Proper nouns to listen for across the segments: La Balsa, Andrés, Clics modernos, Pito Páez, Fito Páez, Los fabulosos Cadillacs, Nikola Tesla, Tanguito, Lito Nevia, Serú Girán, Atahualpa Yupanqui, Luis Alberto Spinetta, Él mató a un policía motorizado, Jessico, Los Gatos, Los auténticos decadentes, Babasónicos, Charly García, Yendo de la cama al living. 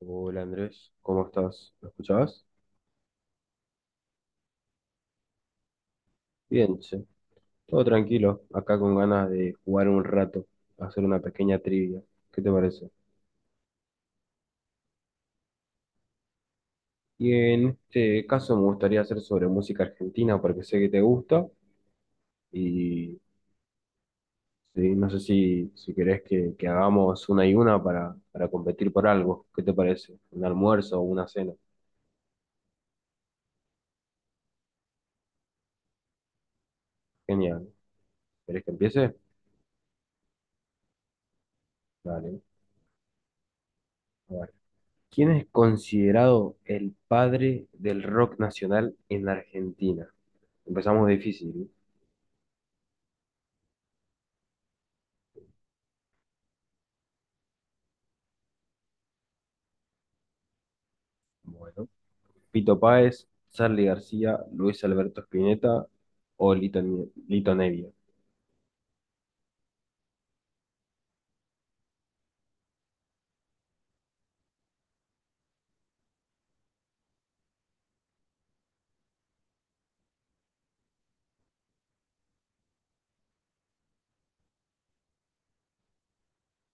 Hola Andrés, ¿cómo estás? ¿Me escuchabas? Bien, che. Todo tranquilo, acá con ganas de jugar un rato, hacer una pequeña trivia. ¿Qué te parece? Y en este caso me gustaría hacer sobre música argentina porque sé que te gusta y sí, no sé si querés que hagamos una y una para competir por algo. ¿Qué te parece? ¿Un almuerzo o una cena? Genial. ¿Querés que empiece? Dale. ¿Quién es considerado el padre del rock nacional en Argentina? Empezamos difícil, ¿eh? Bueno, Pito Páez, Charly García, Luis Alberto Spinetta o Lito, Lito Nevia.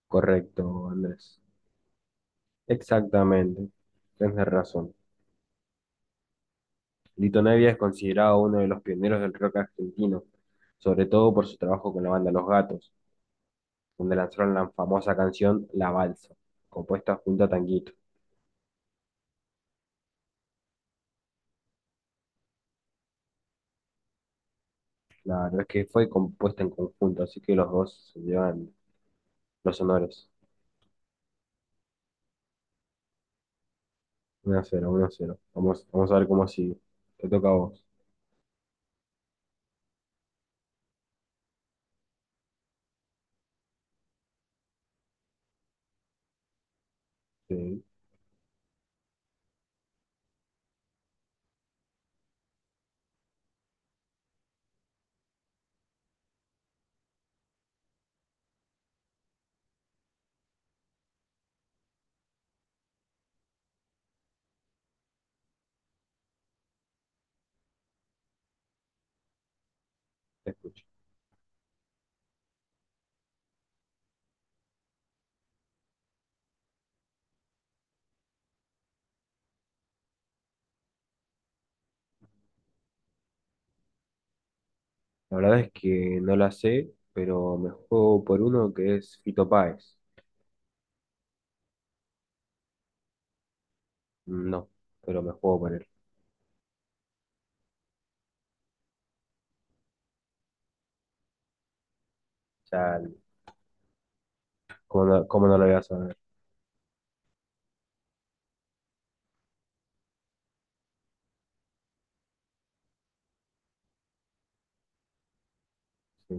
Correcto, Andrés. Exactamente. Tienes razón. Lito Nevia es considerado uno de los pioneros del rock argentino, sobre todo por su trabajo con la banda Los Gatos, donde lanzaron la famosa canción La Balsa, compuesta junto a Tanguito. Claro, es que fue compuesta en conjunto, así que los dos se llevan los honores. Uno a cero, uno a cero. Vamos, vamos a ver cómo sigue. Te toca a vos. Sí, te escucho. La verdad es que no la sé, pero me juego por uno que es Fito Páez. No, pero me juego por él. Ya, ¿cómo no lo voy a saber? Sí,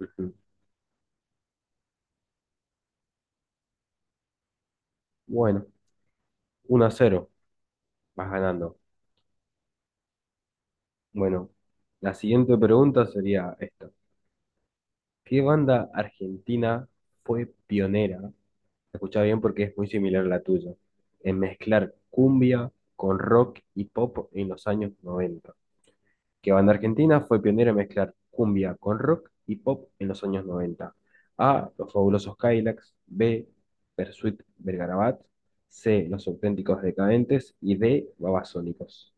ujú. Bueno, uno a cero, vas ganando. Bueno, la siguiente pregunta sería esta. ¿Qué banda argentina fue pionera? Escucha bien porque es muy similar a la tuya, en mezclar cumbia con rock y pop en los años 90. Que banda argentina fue pionera en mezclar cumbia con rock y pop en los años 90? A. Los fabulosos Cadillacs. B. Persuit Vergarabat. C. Los auténticos decadentes. Y D. Babasónicos.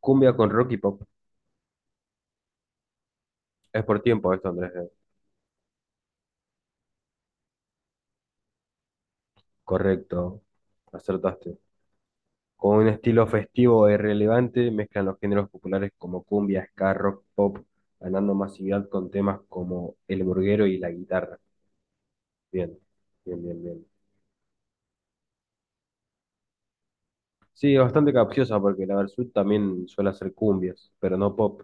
Cumbia con rock y pop. Es por tiempo esto, Andrés. Correcto. Acertaste. Con un estilo festivo e irrelevante, mezclan los géneros populares como cumbia, ska, rock, pop, ganando masividad con temas como el burguero y la guitarra. Bien, bien, bien, bien. Sí, bastante capciosa porque la Versus también suele hacer cumbias, pero no pop.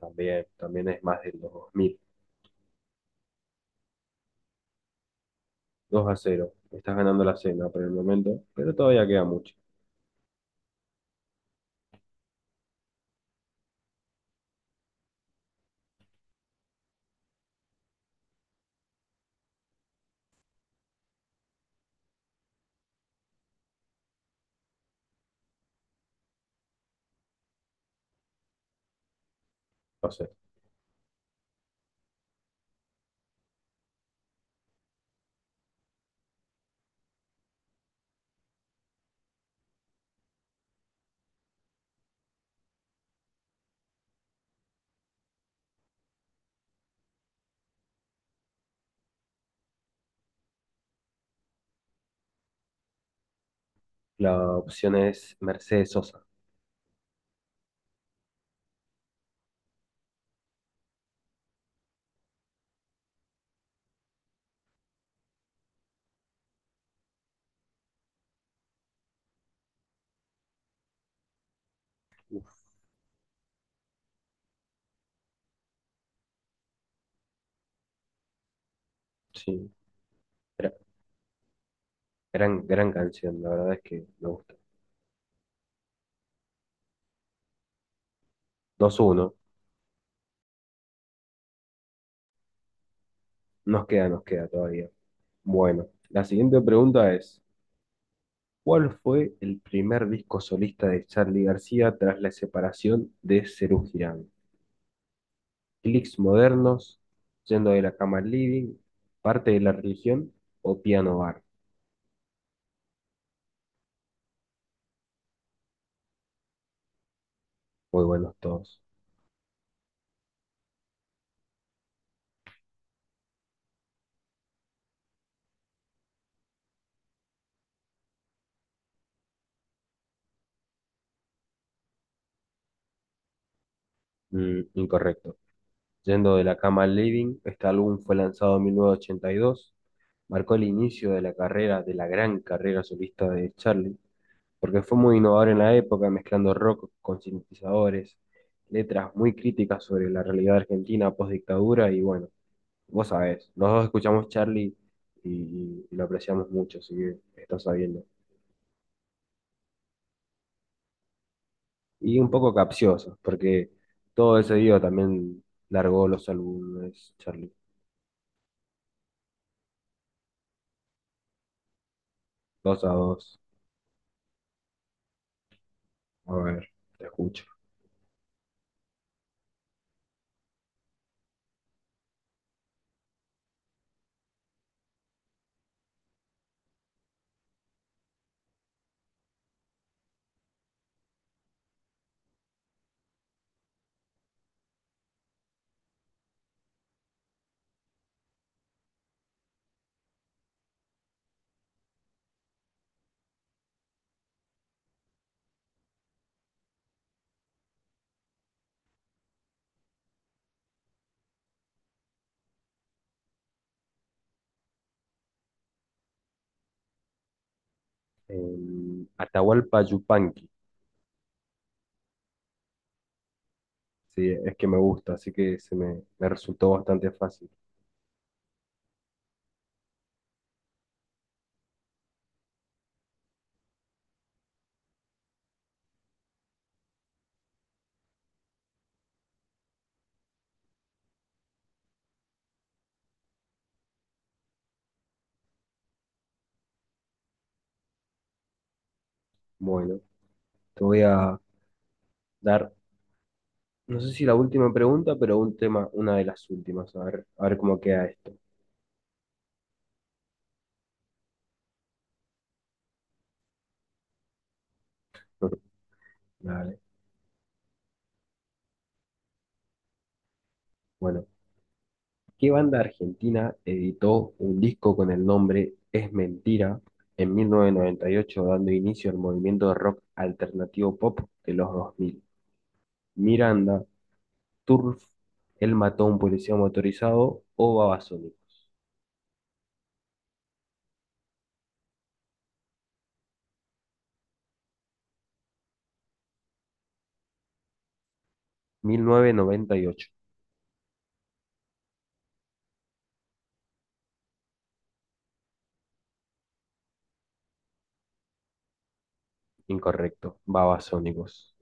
También, también es más de los dos mil. Dos a cero. Estás ganando la cena por el momento, pero todavía queda mucho. No sé. La opción es Mercedes Sosa. Uf, sí. Gra- Gran, gran canción, la verdad es que me gusta. 2 uno. Nos queda todavía. Bueno, la siguiente pregunta es, ¿cuál fue el primer disco solista de Charly García tras la separación de Serú Girán? ¿Clics modernos, yendo de la cama al living, parte de la religión o piano bar? Muy buenos todos. Mm, incorrecto. Yendo de la cama al living, este álbum fue lanzado en 1982. Marcó el inicio de la carrera, de la gran carrera solista de Charly porque fue muy innovador en la época, mezclando rock con sintetizadores, letras muy críticas sobre la realidad argentina post-dictadura, y bueno, vos sabés, los dos escuchamos Charlie y lo apreciamos mucho, así que está sabiendo. Y un poco capcioso, porque todo ese día también largó los álbumes, Charlie. Dos a dos, a ver, te escucho. En Atahualpa Yupanqui. Sí, es que me gusta, así que se me resultó bastante fácil. Bueno, te voy a dar, no sé si la última pregunta, pero un tema, una de las últimas, a ver cómo queda esto. Dale. Bueno, ¿qué banda argentina editó un disco con el nombre Es Mentira en 1998, dando inicio al movimiento de rock alternativo pop de los 2000? Miranda, Turf, Él mató a un policía motorizado o Babasónicos. 1998. Incorrecto, Babasónicos.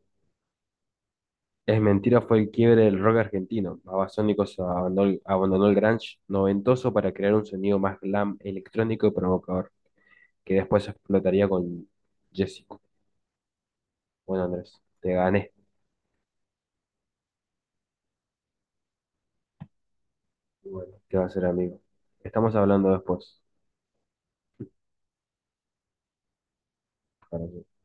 Es mentira fue el quiebre del rock argentino. Babasónicos abandonó, abandonó el grunge noventoso para crear un sonido más glam, electrónico y provocador, que después explotaría con Jessico. Bueno, Andrés, te gané. Bueno, ¿qué va a ser, amigo? Estamos hablando después. Para que-